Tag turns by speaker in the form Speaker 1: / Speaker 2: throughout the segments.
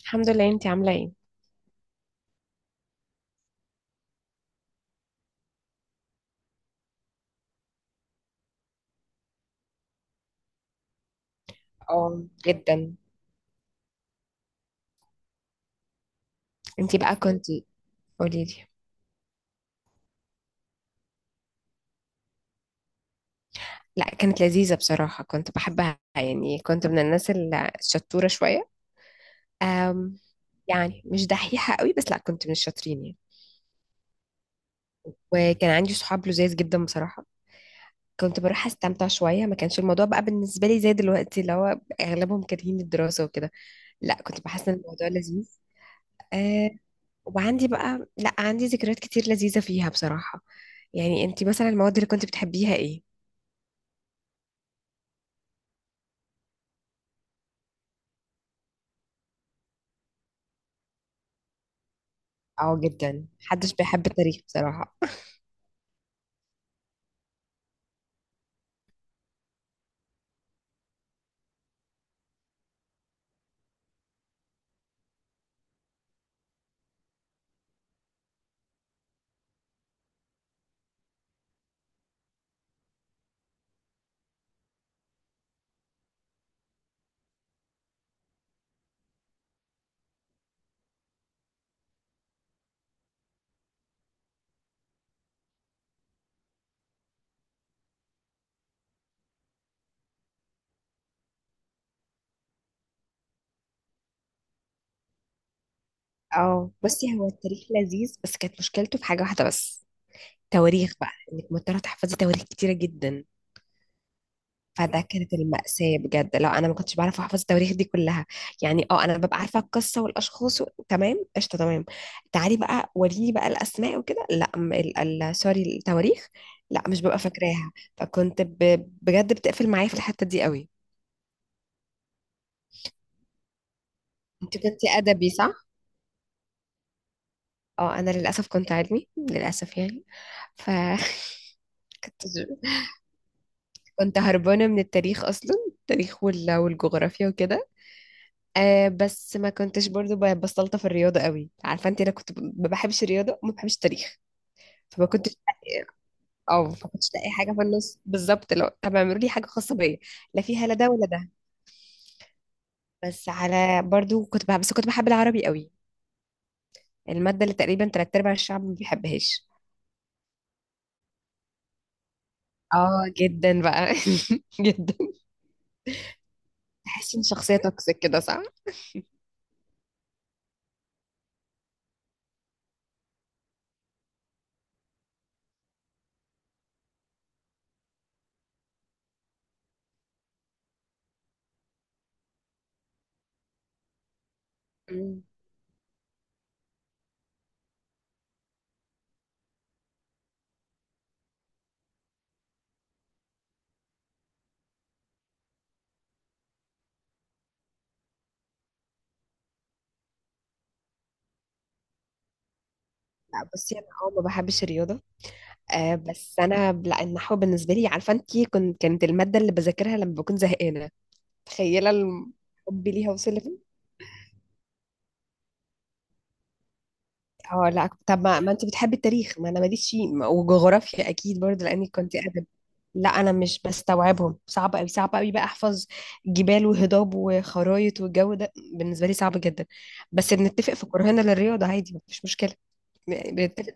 Speaker 1: الحمد لله، انتي عاملة ايه؟ اه جدا. انتي بقى كنتي، قوليلي. لا، كانت لذيذة بصراحة. كنت بحبها، يعني كنت من الناس الشطورة شوية. أم يعني مش دحيحة قوي، بس لا كنت من الشاطرين يعني. وكان عندي صحاب لذاذ جدا بصراحة. كنت بروح استمتع شوية، ما كانش الموضوع بقى بالنسبة لي زي دلوقتي، اللي هو اغلبهم كارهين الدراسة وكده. لا، كنت بحس ان الموضوع لذيذ. أه. وعندي بقى، لا، عندي ذكريات كتير لذيذة فيها بصراحة. يعني انتي مثلا المواد اللي كنت بتحبيها ايه؟ اه، جدا. محدش بيحب التاريخ بصراحة. اه، بصي، هو التاريخ لذيذ بس كانت مشكلته في حاجة واحدة بس. تواريخ بقى، انك مضطرة تحفظي تواريخ كتيرة جدا. فده كانت المأساة بجد. لا، انا ما كنتش بعرف احفظ التواريخ دي كلها. يعني اه انا ببقى عارفة القصة والاشخاص تمام قشطة تمام. تعالي بقى، وريني بقى الاسماء وكده، لا سوري، التواريخ. لا، مش ببقى فاكراها. فكنت بجد بتقفل معايا في الحتة دي قوي. انت كنتي ادبي، صح؟ اه، انا للاسف كنت علمي للاسف يعني. فكنت كنت كنت هربانه من التاريخ، اصلا التاريخ والجغرافيا وكده. آه، بس ما كنتش برضو بستلطف في الرياضه قوي. عارفه انت، انا كنت ما بحبش الرياضه وما بحبش التاريخ. فما كنتش. اه، اه، ما كنتش لاقي حاجه في النص بالظبط، لو طب اعملوا لي حاجه خاصه بيا. لا، فيها لا ده ولا ده. بس على برضو كنت بحب، بس كنت بحب العربي قوي. الماده اللي تقريبا تلات ارباع الشعب ما بيحبهاش. اه، جدا بقى. جدا. تحسي ان شخصيه توكسيك كده، صح؟ مم. لا، بصي انا ما بحبش الرياضه. آه، بس انا لا، النحو بالنسبه لي، عارفه انت، كنت كانت الماده اللي بذاكرها لما بكون زهقانه. تخيله حبي ليها وصل لفين. اه، لا، طب ما انت بتحبي التاريخ، ما انا ماليش فيه، وجغرافيا اكيد برضه لاني كنت ادب. لا، انا مش بستوعبهم، صعب قوي صعب قوي بقى احفظ جبال وهضاب وخرايط، والجو ده بالنسبه لي صعب جدا. بس بنتفق في كرهنا للرياضه، عادي مفيش مشكله. بنتفق.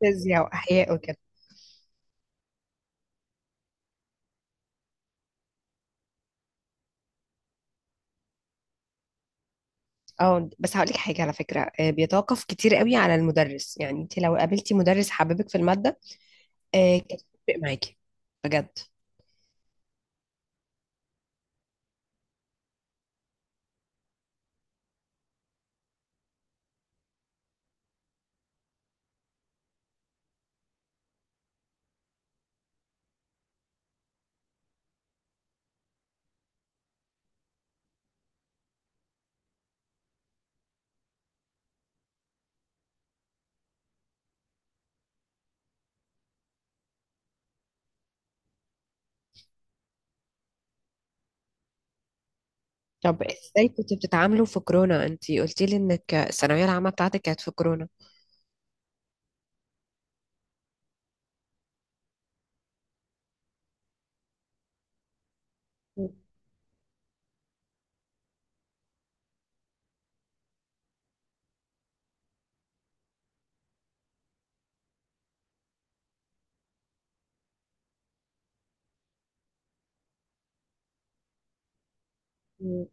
Speaker 1: فيزياء واحياء وكده. اه، بس هقول لك حاجه على فكره، بيتوقف كتير قوي على المدرس. يعني انت لو قابلتي مدرس حبيبك في الماده، كانت هتفرق معاكي. بجد. طب ازاي كنتوا بتتعاملوا في كورونا؟ انت قلتي لي انك الثانويه العامه بتاعتك كانت في كورونا. مم.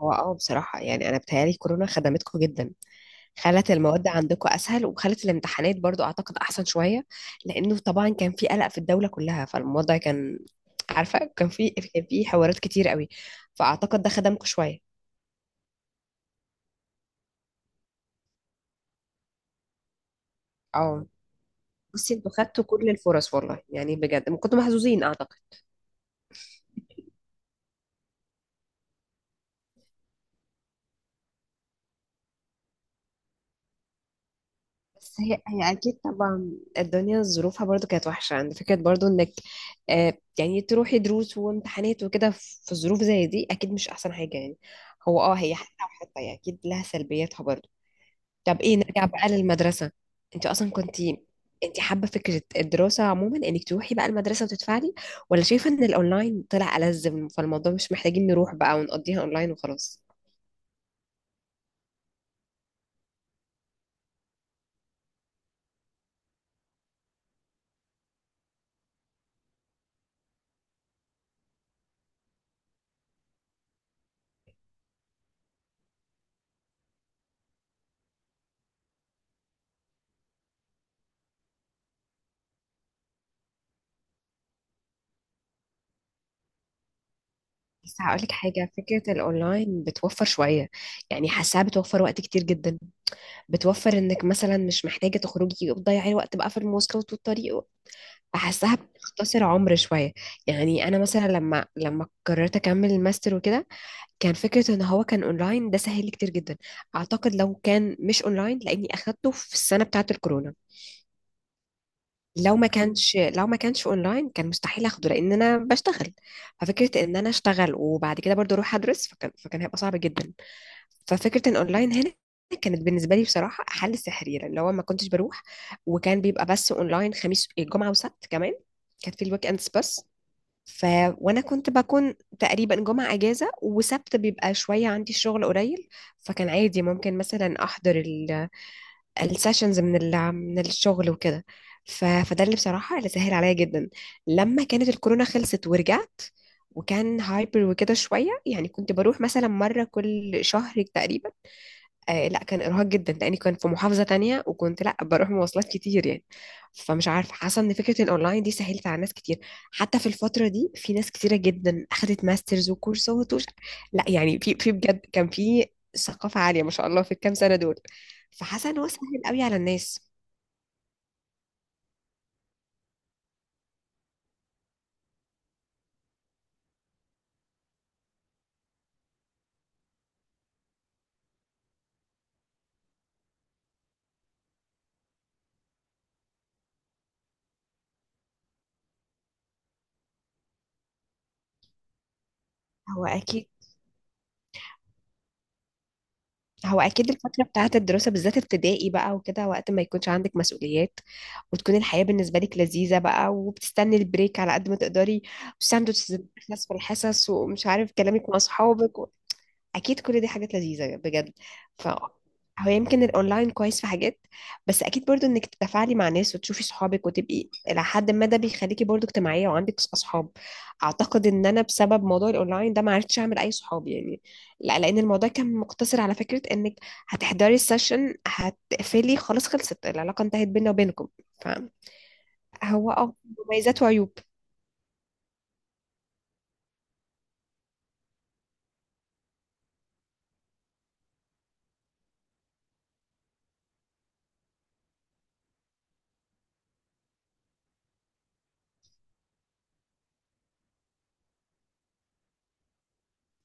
Speaker 1: هو بصراحه يعني انا بتهيالي كورونا خدمتكم جدا. خلت المواد عندكم اسهل، وخلت الامتحانات برضو اعتقد احسن شويه. لانه طبعا كان في قلق في الدوله كلها، فالموضوع كان، عارفه، كان في حوارات كتير قوي. فاعتقد ده خدمكم شويه. اه، بصي انتوا خدتوا كل الفرص والله، يعني بجد كنتوا محظوظين اعتقد. بس هي اكيد طبعا، الدنيا ظروفها برضو كانت وحشه. عند فكره برضو انك، آه يعني تروحي دروس وامتحانات وكده في ظروف زي دي، اكيد مش احسن حاجه يعني. هو هي حتة وحتة، يعني اكيد لها سلبياتها برضو. طب ايه، نرجع بقى للمدرسة. انت اصلا كنت، انت حابة فكرة الدراسة عموما انك تروحي بقى المدرسة وتدفعي، ولا شايفة ان الاونلاين طلع ألزم، فالموضوع مش محتاجين نروح بقى ونقضيها اونلاين وخلاص؟ بس هقولك حاجة، فكرة الأونلاين بتوفر شوية، يعني حاساها بتوفر وقت كتير جدا. بتوفر إنك مثلا مش محتاجة تخرجي وتضيعي وقت بقى في المواصلات والطريق، فحاساها بتختصر عمر شوية. يعني أنا مثلا لما قررت أكمل الماستر وكده، كان فكرة ان هو كان اونلاين ده سهل لي كتير جدا. اعتقد لو كان مش اونلاين، لاني اخدته في السنة بتاعة الكورونا، لو ما كانش اونلاين كان مستحيل اخده لان انا بشتغل. ففكرة ان انا اشتغل وبعد كده برضو اروح ادرس، فكان هيبقى صعب جدا. ففكرة ان اونلاين هنا كانت بالنسبة لي بصراحة حل سحري، لان هو ما كنتش بروح. وكان بيبقى بس اونلاين خميس جمعة وسبت كمان، كانت في الويك اندز بس. ف وانا كنت بكون تقريبا جمعة اجازة، وسبت بيبقى شوية عندي شغل قليل. فكان عادي ممكن مثلا احضر السيشنز من من الشغل وكده. فده اللي بصراحة اللي سهل عليا جدا. لما كانت الكورونا خلصت ورجعت، وكان هايبر وكده شوية يعني، كنت بروح مثلا مرة كل شهر تقريبا. آه، لا، كان ارهاق جدا لاني كنت في محافظه تانية، وكنت لا بروح مواصلات كتير يعني. فمش عارفه، حاسه ان فكره الاونلاين دي سهلت على ناس كتير. حتى في الفتره دي في ناس كتيره جدا اخذت ماسترز وكورسات لا يعني في بجد كان في ثقافه عاليه ما شاء الله في الكام سنه دول. فحاسه ان هو سهل قوي على الناس. هو اكيد هو اكيد الفتره بتاعه الدراسه بالذات ابتدائي بقى وكده، وقت ما يكونش عندك مسؤوليات وتكون الحياه بالنسبه لك لذيذه بقى، وبتستني البريك على قد ما تقدري، والساندوتشز بتخلص في الحصص، ومش عارف كلامك مع اصحابك. اكيد كل دي حاجات لذيذه بجد. ف هو يمكن الاونلاين كويس في حاجات، بس اكيد برضو انك تتفاعلي مع ناس وتشوفي صحابك وتبقي الى حد ما، ده بيخليكي برضو اجتماعيه وعندك اصحاب. اعتقد ان انا بسبب موضوع الاونلاين ده ما عرفتش اعمل اي صحاب يعني. لا، لان الموضوع كان مقتصر على فكره انك هتحضري السيشن هتقفلي، خلاص خلصت العلاقه، انتهت بيننا وبينكم. فهو مميزات وعيوب.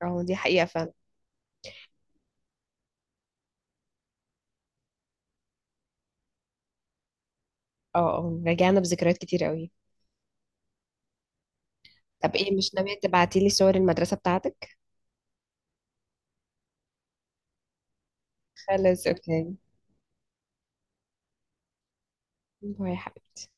Speaker 1: اه، دي حقيقه فعلا. اه، اه، رجعنا بذكريات كتير قوي. طب ايه، مش ناويه تبعتي لي صور المدرسه بتاعتك؟ خلاص، اوكي. باي حبيبتي.